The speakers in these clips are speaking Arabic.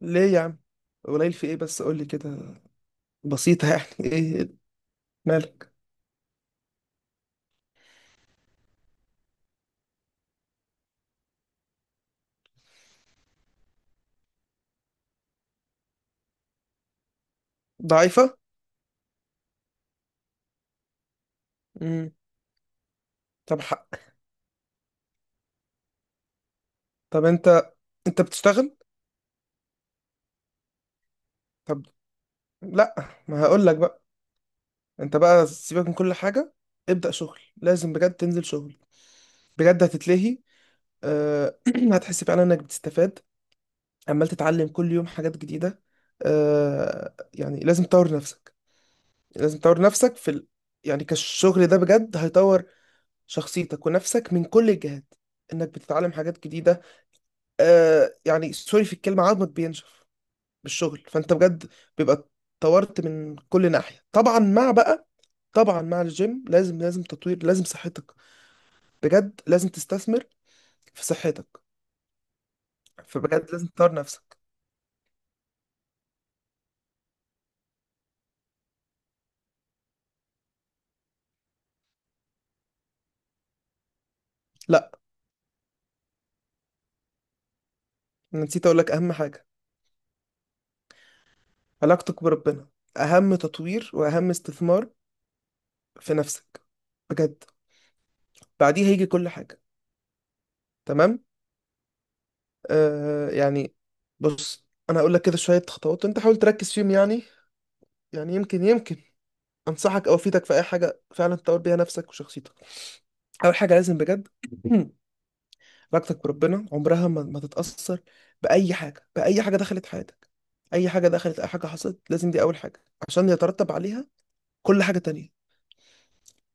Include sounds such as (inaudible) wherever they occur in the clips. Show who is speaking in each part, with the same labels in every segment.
Speaker 1: ليه يا عم؟ قليل في ايه بس قول لي كده. بسيطة يعني (laughs) ايه؟ مالك؟ ضعيفة. امم طب حق. طب انت بتشتغل؟ طب لا، ما هقول لك بقى. انت بقى سيبك من كل حاجة، ابدأ شغل. لازم بجد تنزل شغل بجد، هتتلهي. أه... (clears throat) هتحس فعلا انك بتستفاد، عمال تتعلم كل يوم حاجات جديدة. يعني لازم تطور نفسك، لازم تطور نفسك في يعني كالشغل ده بجد هيطور شخصيتك ونفسك من كل الجهات، انك بتتعلم حاجات جديدة. آه يعني سوري في الكلمة، عظمك بينشف بالشغل، فانت بجد بيبقى طورت من كل ناحية. طبعا مع بقى، طبعا مع الجيم لازم تطوير، لازم صحتك بجد، لازم تستثمر في صحتك. فبجد لازم تطور نفسك. لا، أنا نسيت اقول لك اهم حاجة: علاقتك بربنا، اهم تطوير واهم استثمار في نفسك بجد، بعديها هيجي كل حاجة. تمام. آه يعني بص، انا هقول لك كده شوية خطوات انت حاول تركز فيهم يعني. يعني يمكن انصحك او افيدك في اي حاجه فعلا تطور بيها نفسك وشخصيتك. اول حاجه لازم بجد (clears throat) علاقتك بربنا عمرها ما تتاثر باي حاجه، باي حاجه دخلت حياتك. اي حاجه دخلت، اي حاجه حصلت، لازم دي اول حاجه عشان يترتب عليها كل حاجه تانية.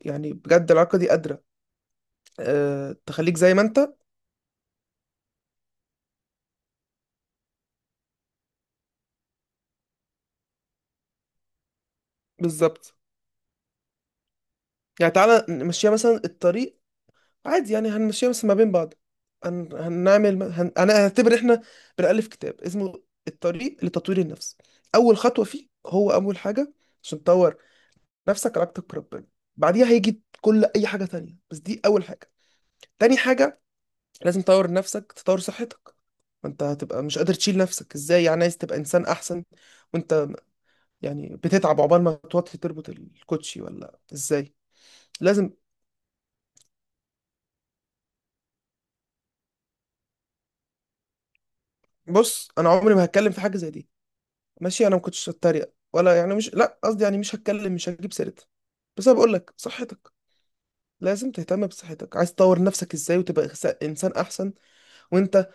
Speaker 1: يعني بجد العلاقه دي قادره أه تخليك زي ما انت. بالظبط. يعني تعالى نمشيها مثلا الطريق عادي، يعني هنمشيها بس ما بين بعض. هنعمل انا هعتبر احنا بنألف كتاب اسمه الطريق لتطوير النفس. اول خطوة فيه هو اول حاجة عشان تطور نفسك علاقتك بربنا، بعديها هيجي كل اي حاجة تانية، بس دي اول حاجة. تاني حاجة لازم تطور نفسك، تطور صحتك. ما انت هتبقى مش قادر تشيل نفسك ازاي، يعني عايز تبقى انسان احسن وانت يعني بتتعب عقبال ما توطي تربط الكوتشي ولا ازاي؟ لازم. بص، انا عمري ما هتكلم في حاجة زي دي، ماشي. انا ما كنتش هتريق ولا، يعني مش، لا قصدي يعني مش هتكلم، مش هجيب سيرتها. بس انا بقول لك صحتك، لازم تهتم بصحتك. عايز تطور نفسك ازاي وتبقى انسان احسن وانت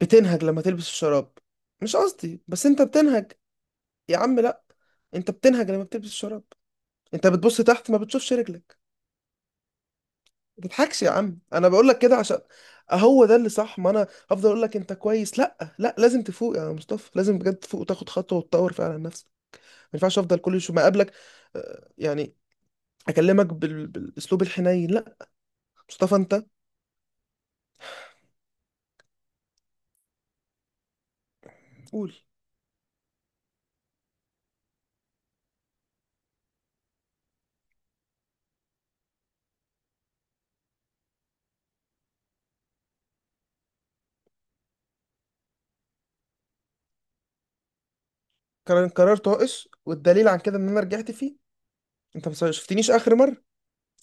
Speaker 1: بتنهج لما تلبس الشراب؟ مش قصدي، بس انت بتنهج. يا عم لا، انت بتنهج لما بتلبس الشراب، انت بتبص تحت ما بتشوفش رجلك. ما تضحكش يا عم، انا بقول لك كده عشان هو ده اللي صح. ما انا هفضل اقول لك انت كويس. لا لا، لازم تفوق يا مصطفى، لازم بجد تفوق وتاخد خطوه وتطور فعلا نفسك. ما ينفعش افضل كل شويه ما اقابلك، يعني اكلمك بالاسلوب الحنين، لا. مصطفى انت، قول. قرار طائش، والدليل عن كده ان انا رجعت فيه. انت ما شفتنيش اخر مره،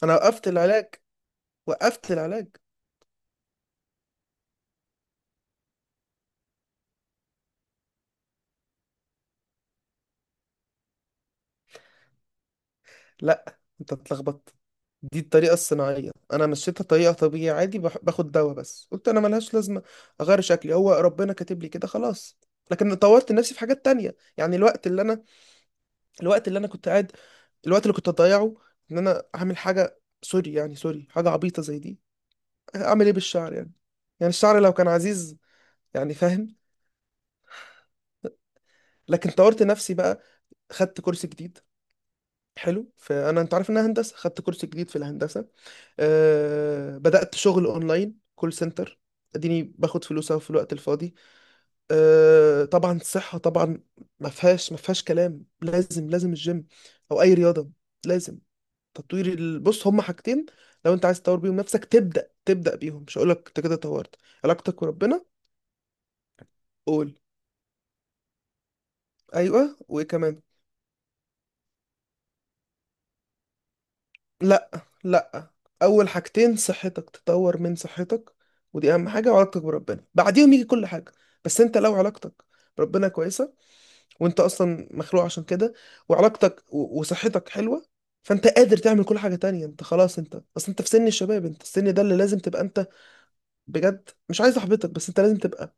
Speaker 1: انا وقفت العلاج، وقفت العلاج. لا انت اتلخبطت، دي الطريقه الصناعيه. انا مشيتها طريقه طبيعيه عادي، باخد دواء بس قلت انا ملهاش لازمه. اغير شكلي، هو ربنا كاتب لي كده خلاص. لكن طورت نفسي في حاجات تانية يعني. الوقت اللي انا، الوقت اللي انا كنت قاعد، الوقت اللي كنت اضيعه ان انا اعمل حاجه، سوري يعني، سوري حاجه عبيطه زي دي. اعمل ايه بالشعر يعني؟ يعني الشعر لو كان عزيز، يعني فاهم. لكن طورت نفسي بقى، خدت كورس جديد حلو. فانا انت عارف انها هندسه، خدت كورس جديد في الهندسه. أه بدات شغل اونلاين كول سنتر، اديني باخد فلوس أهو في الوقت الفاضي. أه طبعا الصحه طبعا، ما فيهاش كلام، لازم، لازم الجيم او اي رياضه، لازم. تطوير بص، هما حاجتين لو انت عايز تطور بيهم نفسك تبدا بيهم، مش هقولك انت كده طورت. علاقتك وربنا، قول. ايوه وايه كمان؟ لا لا، اول حاجتين صحتك، تطور من صحتك ودي اهم حاجه، وعلاقتك بربنا، بعديهم يجي كل حاجه. بس انت لو علاقتك بربنا كويسه، وانت اصلا مخلوق عشان كده، وعلاقتك وصحتك حلوه، فانت قادر تعمل كل حاجه تانية. انت خلاص، انت بس انت في سن الشباب، انت السن ده اللي لازم تبقى انت بجد. مش عايز احبطك، بس انت لازم تبقى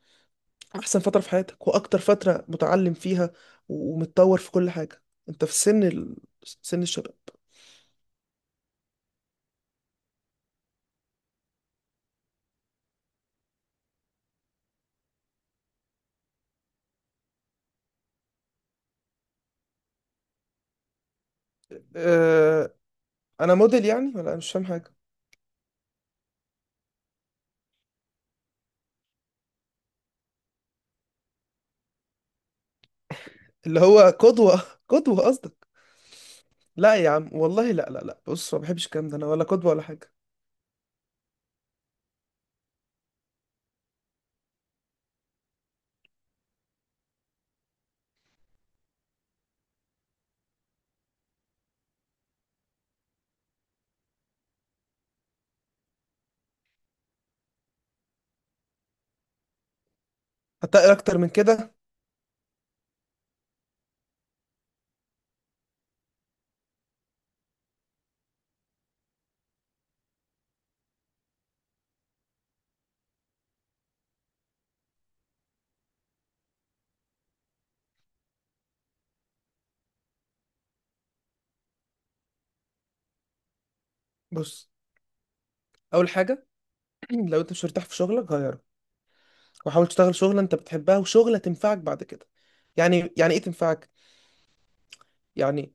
Speaker 1: احسن فتره في حياتك واكتر فتره متعلم فيها، ومتطور في كل حاجه. انت في سن سن الشباب. أه... انا موديل يعني، ولا أنا مش فاهم حاجه؟ اللي هو قدوة، قدوة قصدك؟ لا يا عم والله، لا لا لا، بص ما بحبش الكلام ده، انا ولا قدوة ولا حاجة. هتقل اكتر من كده. بص، اول حاجة (clears throat) لو انت مش مرتاح في شغلك غيره، وحاول تشتغل شغلة انت بتحبها وشغلة تنفعك بعد كده. يعني يعني ايه تنفعك؟ يعني،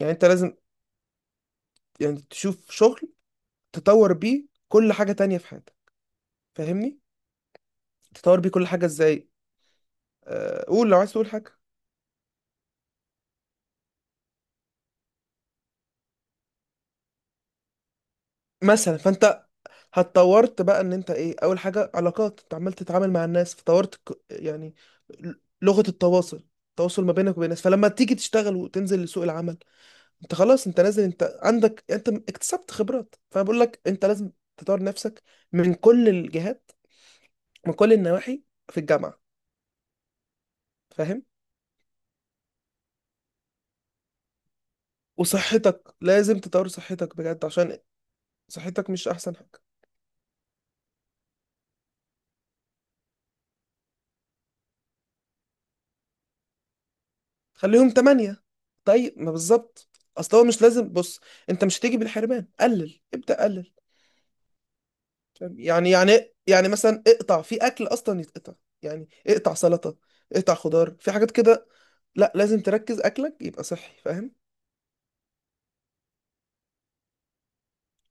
Speaker 1: يعني انت لازم يعني تشوف شغل تطور بيه كل حاجة تانية في حياتك، فاهمني؟ تطور بيه كل حاجة ازاي؟ أه قول، لو عايز تقول حاجة. مثلا فانت هتطورت بقى ان انت ايه، اول حاجه علاقات، انت عمال تتعامل مع الناس فطورت يعني ل- لغه التواصل، التواصل ما بينك وبين الناس. فلما تيجي تشتغل وتنزل لسوق العمل، انت خلاص انت نازل، انت عندك، انت اكتسبت خبرات. فانا بقول لك انت لازم تطور نفسك من كل الجهات، من كل النواحي، في الجامعه، فاهم؟ وصحتك، لازم تطور صحتك بجد عشان صحتك مش احسن حاجه. خليهم تمانية، طيب ما بالظبط. اصل هو مش لازم، بص انت مش هتيجي بالحرمان، قلل، ابدأ قلل. فاهم؟ يعني يعني، يعني مثلا اقطع في اكل اصلا يتقطع. يعني اقطع سلطة، اقطع خضار في حاجات كده. لا، لازم تركز اكلك يبقى صحي، فاهم؟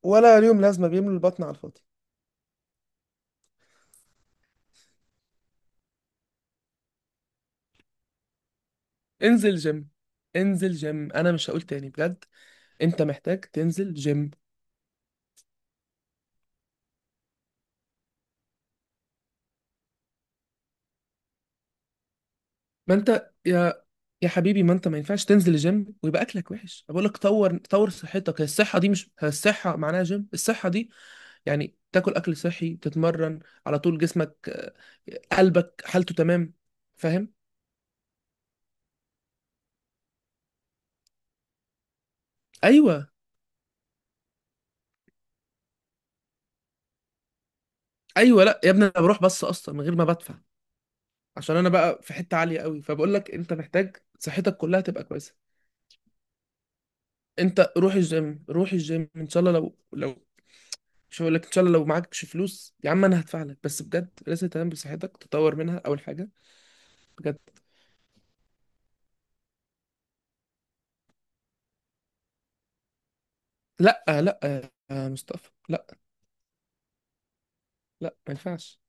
Speaker 1: ولا اليوم لازمة، بيملوا البطن على الفاضي. انزل جيم، انزل جيم، انا مش هقول تاني بجد، انت محتاج تنزل جيم. ما انت يا حبيبي، ما انت ما ينفعش تنزل الجيم ويبقى اكلك وحش. بقول لك طور، طور صحتك هي، الصحة دي مش هي الصحة معناها جيم. الصحة دي يعني تاكل اكل صحي، تتمرن، على طول جسمك، آه، قلبك حالته تمام، فاهم؟ ايوه. ايوه لا يا ابني، انا بروح بس اصلا من غير ما بدفع، عشان انا بقى في حته عاليه قوي. فبقول لك انت محتاج صحتك كلها تبقى كويسه. انت روح الجيم، روح الجيم ان شاء الله. لو لو، مش هقول لك ان شاء الله، لو معكش فلوس يا عم انا هدفع لك، بس بجد لازم تهتم بصحتك، تطور منها اول حاجه بجد. لا لا يا مصطفى، لا لا ما ينفعش.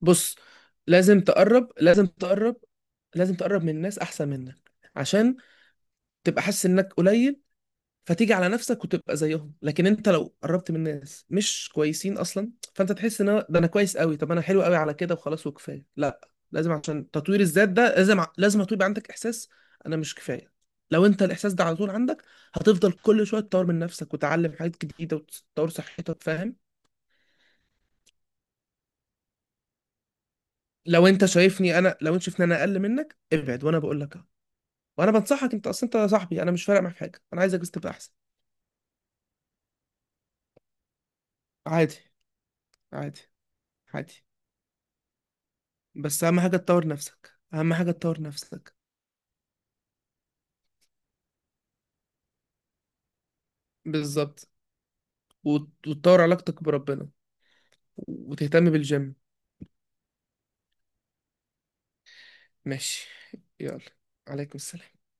Speaker 1: بص لازم تقرب، لازم تقرب، لازم تقرب من ناس احسن منك، عشان تبقى حاسس انك قليل فتيجي على نفسك وتبقى زيهم. لكن انت لو قربت من ناس مش كويسين اصلا، فانت تحس ان ده انا كويس قوي، طب انا حلو قوي على كده وخلاص وكفايه. لا لازم، عشان تطوير الذات ده لازم، لازم يبقى عندك احساس انا مش كفايه. لو انت الاحساس ده على طول عندك، هتفضل كل شويه تطور من نفسك وتتعلم حاجات جديده وتطور صحتك، فاهم؟ لو انت شايفني انا، لو انت شايفني انا اقل منك ابعد، وانا بقول لك وانا بنصحك انت اصلا، انت صاحبي، انا مش فارق معاك في حاجه، انا عايزك بس تبقى احسن. عادي، عادي، عادي، بس اهم حاجه تطور نفسك، اهم حاجه تطور نفسك. بالظبط، وتطور علاقتك بربنا وتهتم بالجيم. ماشي، يلا، عليكم السلام.